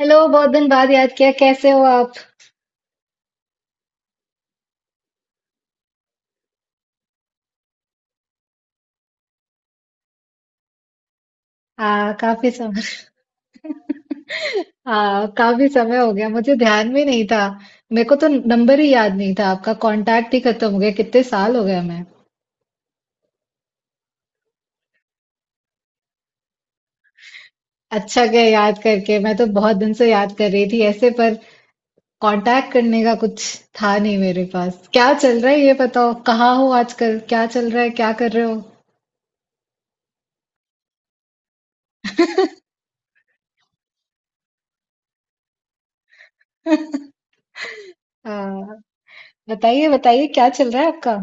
Hello. बहुत दिन बाद याद किया। कैसे हो आप? हाँ, काफी समय। हाँ, काफी समय हो गया, मुझे ध्यान में नहीं था। मेरे को तो नंबर ही याद नहीं था, आपका कांटेक्ट ही खत्म हो गया। कितने साल हो गए हमें। अच्छा गया याद करके। मैं तो बहुत दिन से याद कर रही थी ऐसे, पर कांटेक्ट करने का कुछ था नहीं मेरे पास। क्या चल रहा है ये बताओ। कहाँ हो आजकल, क्या चल रहा है, क्या कर रहे हो? हाँ। बताइए बताइए क्या चल रहा है आपका।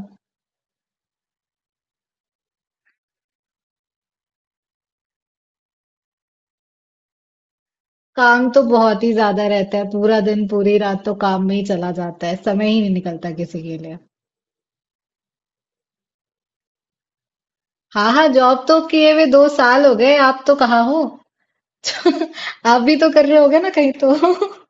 काम तो बहुत ही ज्यादा रहता है, पूरा दिन पूरी रात तो काम में ही चला जाता है। समय ही नहीं निकलता किसी के लिए। हाँ हाँ, जॉब तो किए हुए 2 साल हो गए। आप तो कहाँ हो? आप भी तो कर रहे होगे ना कहीं तो।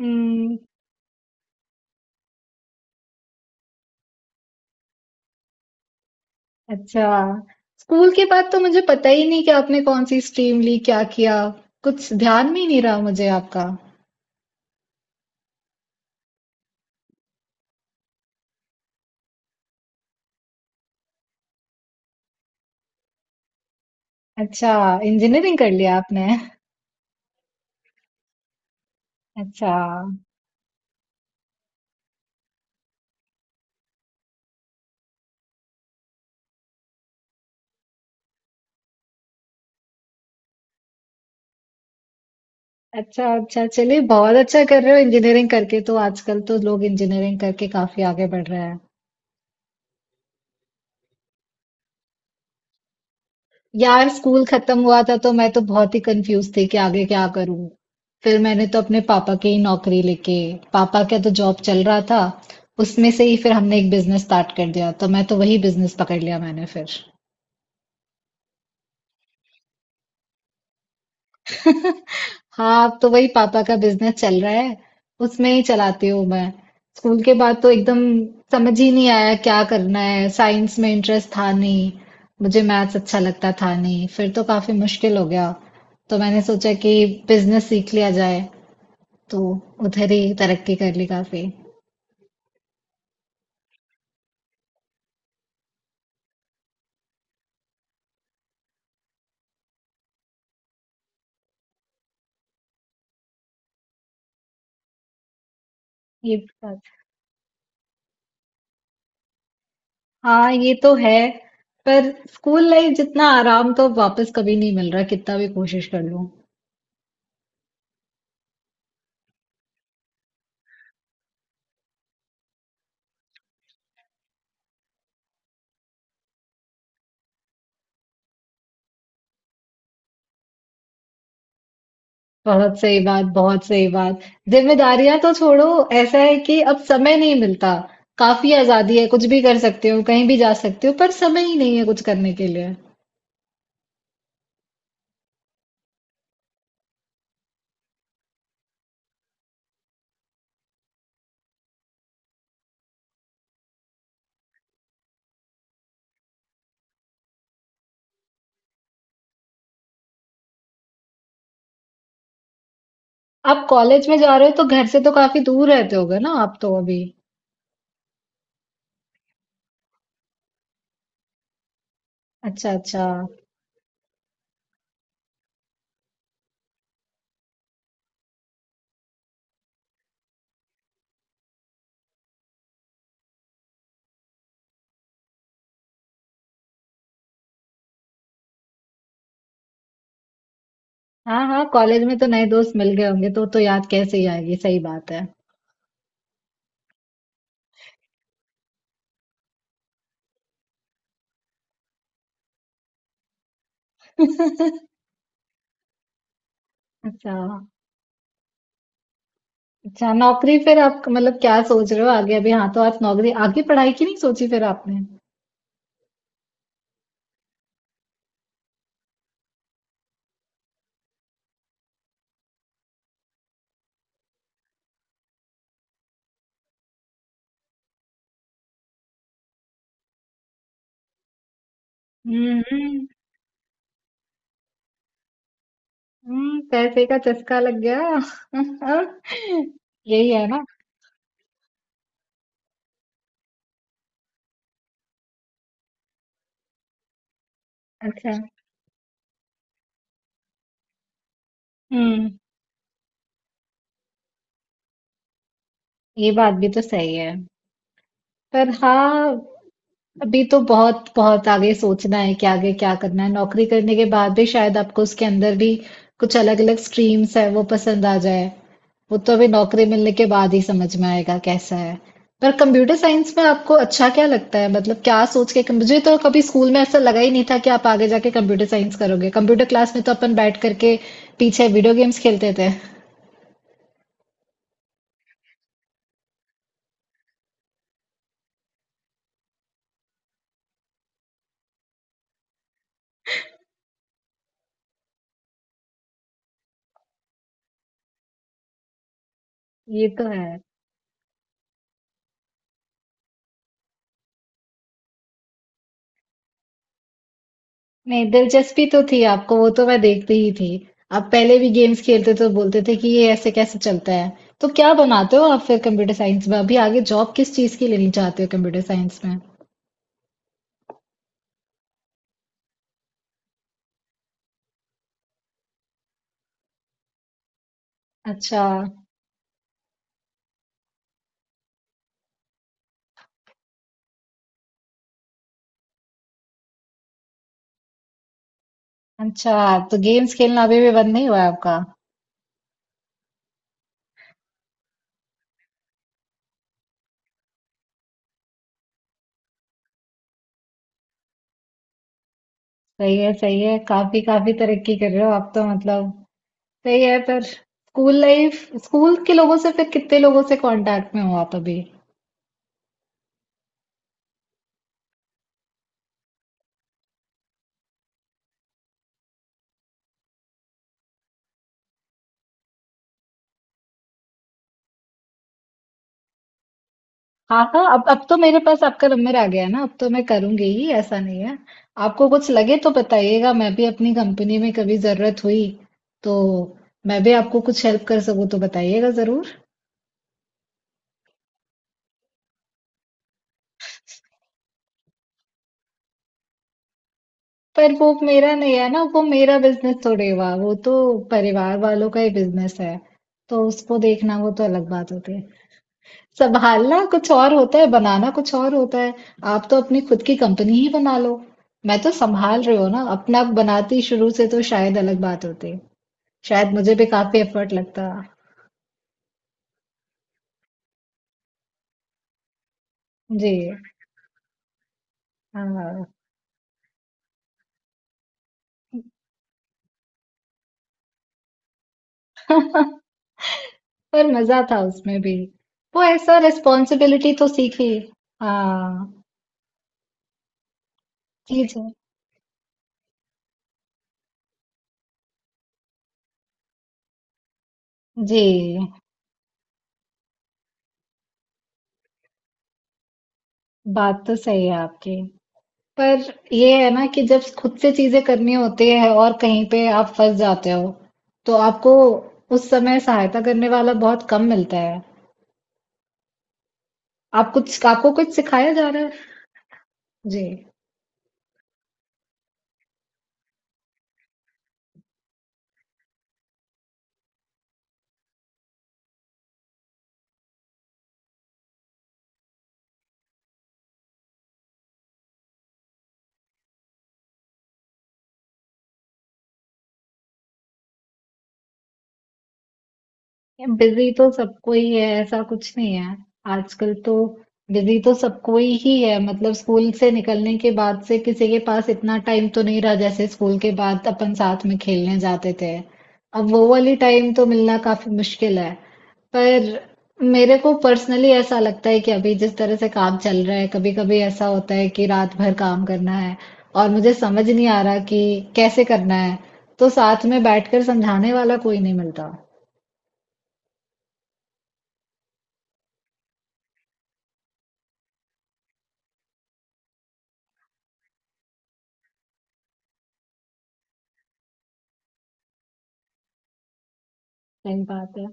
हम्म। अच्छा। स्कूल के बाद तो मुझे पता ही नहीं कि आपने कौन सी स्ट्रीम ली, क्या किया। कुछ ध्यान में ही नहीं रहा मुझे आपका। अच्छा। इंजीनियरिंग कर लिया आपने? अच्छा। अच्छा, अच्छा, चलिए, बहुत अच्छा कर रहे हो। इंजीनियरिंग करके तो आजकल तो लोग इंजीनियरिंग करके काफी आगे बढ़ रहे हैं। यार, स्कूल खत्म हुआ था तो मैं तो बहुत ही कंफ्यूज थी कि आगे क्या करूं। फिर मैंने तो अपने पापा की ही नौकरी लेके, पापा का तो जॉब चल रहा था, उसमें से ही फिर हमने एक बिजनेस स्टार्ट कर दिया, तो मैं तो वही बिजनेस पकड़ लिया मैंने फिर। हाँ, अब तो वही पापा का बिजनेस चल रहा है, उसमें ही चलाती हूँ मैं। स्कूल के बाद तो एकदम समझ ही नहीं आया क्या करना है। साइंस में इंटरेस्ट था नहीं, मुझे मैथ्स अच्छा लगता था नहीं, फिर तो काफी मुश्किल हो गया। तो मैंने सोचा कि बिजनेस सीख लिया जाए, तो उधर ही तरक्की कर ली काफी। ये बात। हाँ, ये तो है। पर स्कूल लाइफ जितना आराम तो वापस कभी नहीं मिल रहा, कितना भी कोशिश कर लूँ। बहुत सही बात, बहुत सही बात। जिम्मेदारियां तो छोड़ो, ऐसा है कि अब समय नहीं मिलता। काफी आजादी है, कुछ भी कर सकते हो, कहीं भी जा सकते हो, पर समय ही नहीं है कुछ करने के लिए। आप कॉलेज में जा रहे हो तो घर से तो काफी दूर रहते होगे ना आप तो अभी? अच्छा, अच्छा। हाँ, हाँ, कॉलेज में तो नए दोस्त मिल गए होंगे तो याद कैसे ही आएगी, सही बात है। अच्छा, अच्छा, नौकरी फिर आप मतलब क्या सोच रहे हो आगे? अभी हाँ, तो आप नौकरी आगे पढ़ाई की नहीं सोची फिर आपने? हम्म, हम्म। पैसे का चस्का लग गया। यही है ना? अच्छा। हम्म। ये बात भी तो सही है। पर हाँ, अभी तो बहुत बहुत आगे सोचना है कि आगे क्या करना है। नौकरी करने के बाद भी शायद आपको उसके अंदर भी कुछ अलग अलग स्ट्रीम्स है, वो पसंद आ जाए। वो तो अभी नौकरी मिलने के बाद ही समझ में आएगा कैसा है। पर कंप्यूटर साइंस में आपको अच्छा क्या लगता है, मतलब क्या सोच के? मुझे तो कभी स्कूल में ऐसा लगा ही नहीं था कि आप आगे जाके कंप्यूटर साइंस करोगे। कंप्यूटर क्लास में तो अपन बैठ करके पीछे वीडियो गेम्स खेलते थे। ये तो है। नहीं, दिलचस्पी तो थी आपको, वो तो मैं देखती ही थी। आप पहले भी गेम्स खेलते तो बोलते थे कि ये ऐसे कैसे चलता है। तो क्या बनाते हो आप फिर कंप्यूटर साइंस में, अभी आगे जॉब किस चीज की लेनी चाहते हो कंप्यूटर साइंस में? अच्छा। अच्छा, तो गेम्स खेलना अभी भी बंद नहीं हुआ है आपका? सही है, सही है, काफी काफी तरक्की कर रहे हो आप तो, मतलब सही है। पर स्कूल लाइफ, स्कूल के लोगों से फिर कितने लोगों से कांटेक्ट में हो आप अभी? हाँ हाँ, अब तो मेरे पास आपका नंबर आ गया है ना, अब तो मैं करूंगी ही, ऐसा नहीं है। आपको कुछ लगे तो बताइएगा, मैं भी अपनी कंपनी में कभी जरूरत हुई तो मैं भी आपको कुछ हेल्प कर सकूँ तो बताइएगा जरूर। पर वो मेरा नहीं है ना, वो मेरा बिजनेस थोड़े हुआ, वो तो परिवार वालों का ही बिजनेस है। तो उसको देखना वो तो अलग बात होती है। संभालना कुछ और होता है, बनाना कुछ और होता है। आप तो अपनी खुद की कंपनी ही बना लो। मैं तो संभाल रही हूँ ना अपना, बनाती शुरू से तो शायद अलग बात होती। शायद मुझे भी काफ़ी एफ़र्ट लगता। जी। हाँ। पर मज़ा था उसमें भी। वो ऐसा रिस्पॉन्सिबिलिटी तो सीखी। हाँ। जी, जी। जी। बात तो सही है आपकी। पर ये है ना कि जब खुद से चीज़ें करनी होती है और कहीं पे आप फँस जाते हो, तो आपको उस समय सहायता करने वाला बहुत कम मिलता है। आप कुछ, आपको कुछ सिखाया जा रहा है? जी। बिजी तो सबको ही है, ऐसा कुछ नहीं है। आजकल तो बिजी तो सबको ही है, मतलब स्कूल से निकलने के बाद से किसी के पास इतना टाइम तो नहीं रहा, जैसे स्कूल के बाद अपन साथ में खेलने जाते थे। अब वो वाली टाइम तो मिलना काफी मुश्किल है। पर मेरे को पर्सनली ऐसा लगता है कि अभी जिस तरह से काम चल रहा है, कभी कभी ऐसा होता है कि रात भर काम करना है और मुझे समझ नहीं आ रहा कि कैसे करना है, तो साथ में बैठकर समझाने वाला कोई नहीं मिलता। सही बात है।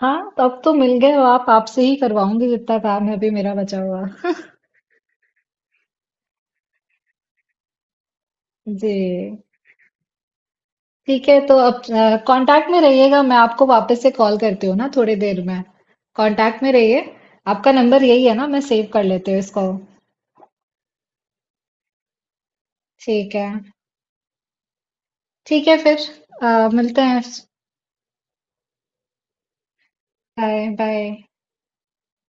हाँ, तो अब तो मिल गए हो आप, आपसे ही करवाऊंगी जितना काम है अभी मेरा बचा हुआ। जी, ठीक है, तो अब कांटेक्ट में रहिएगा, मैं आपको वापस से कॉल करती हूँ ना थोड़ी देर में। कांटेक्ट में रहिए। आपका नंबर यही है ना? मैं सेव कर लेती हूँ इसको। ठीक है। ठीक है फिर। मिलते हैं। Bye bye.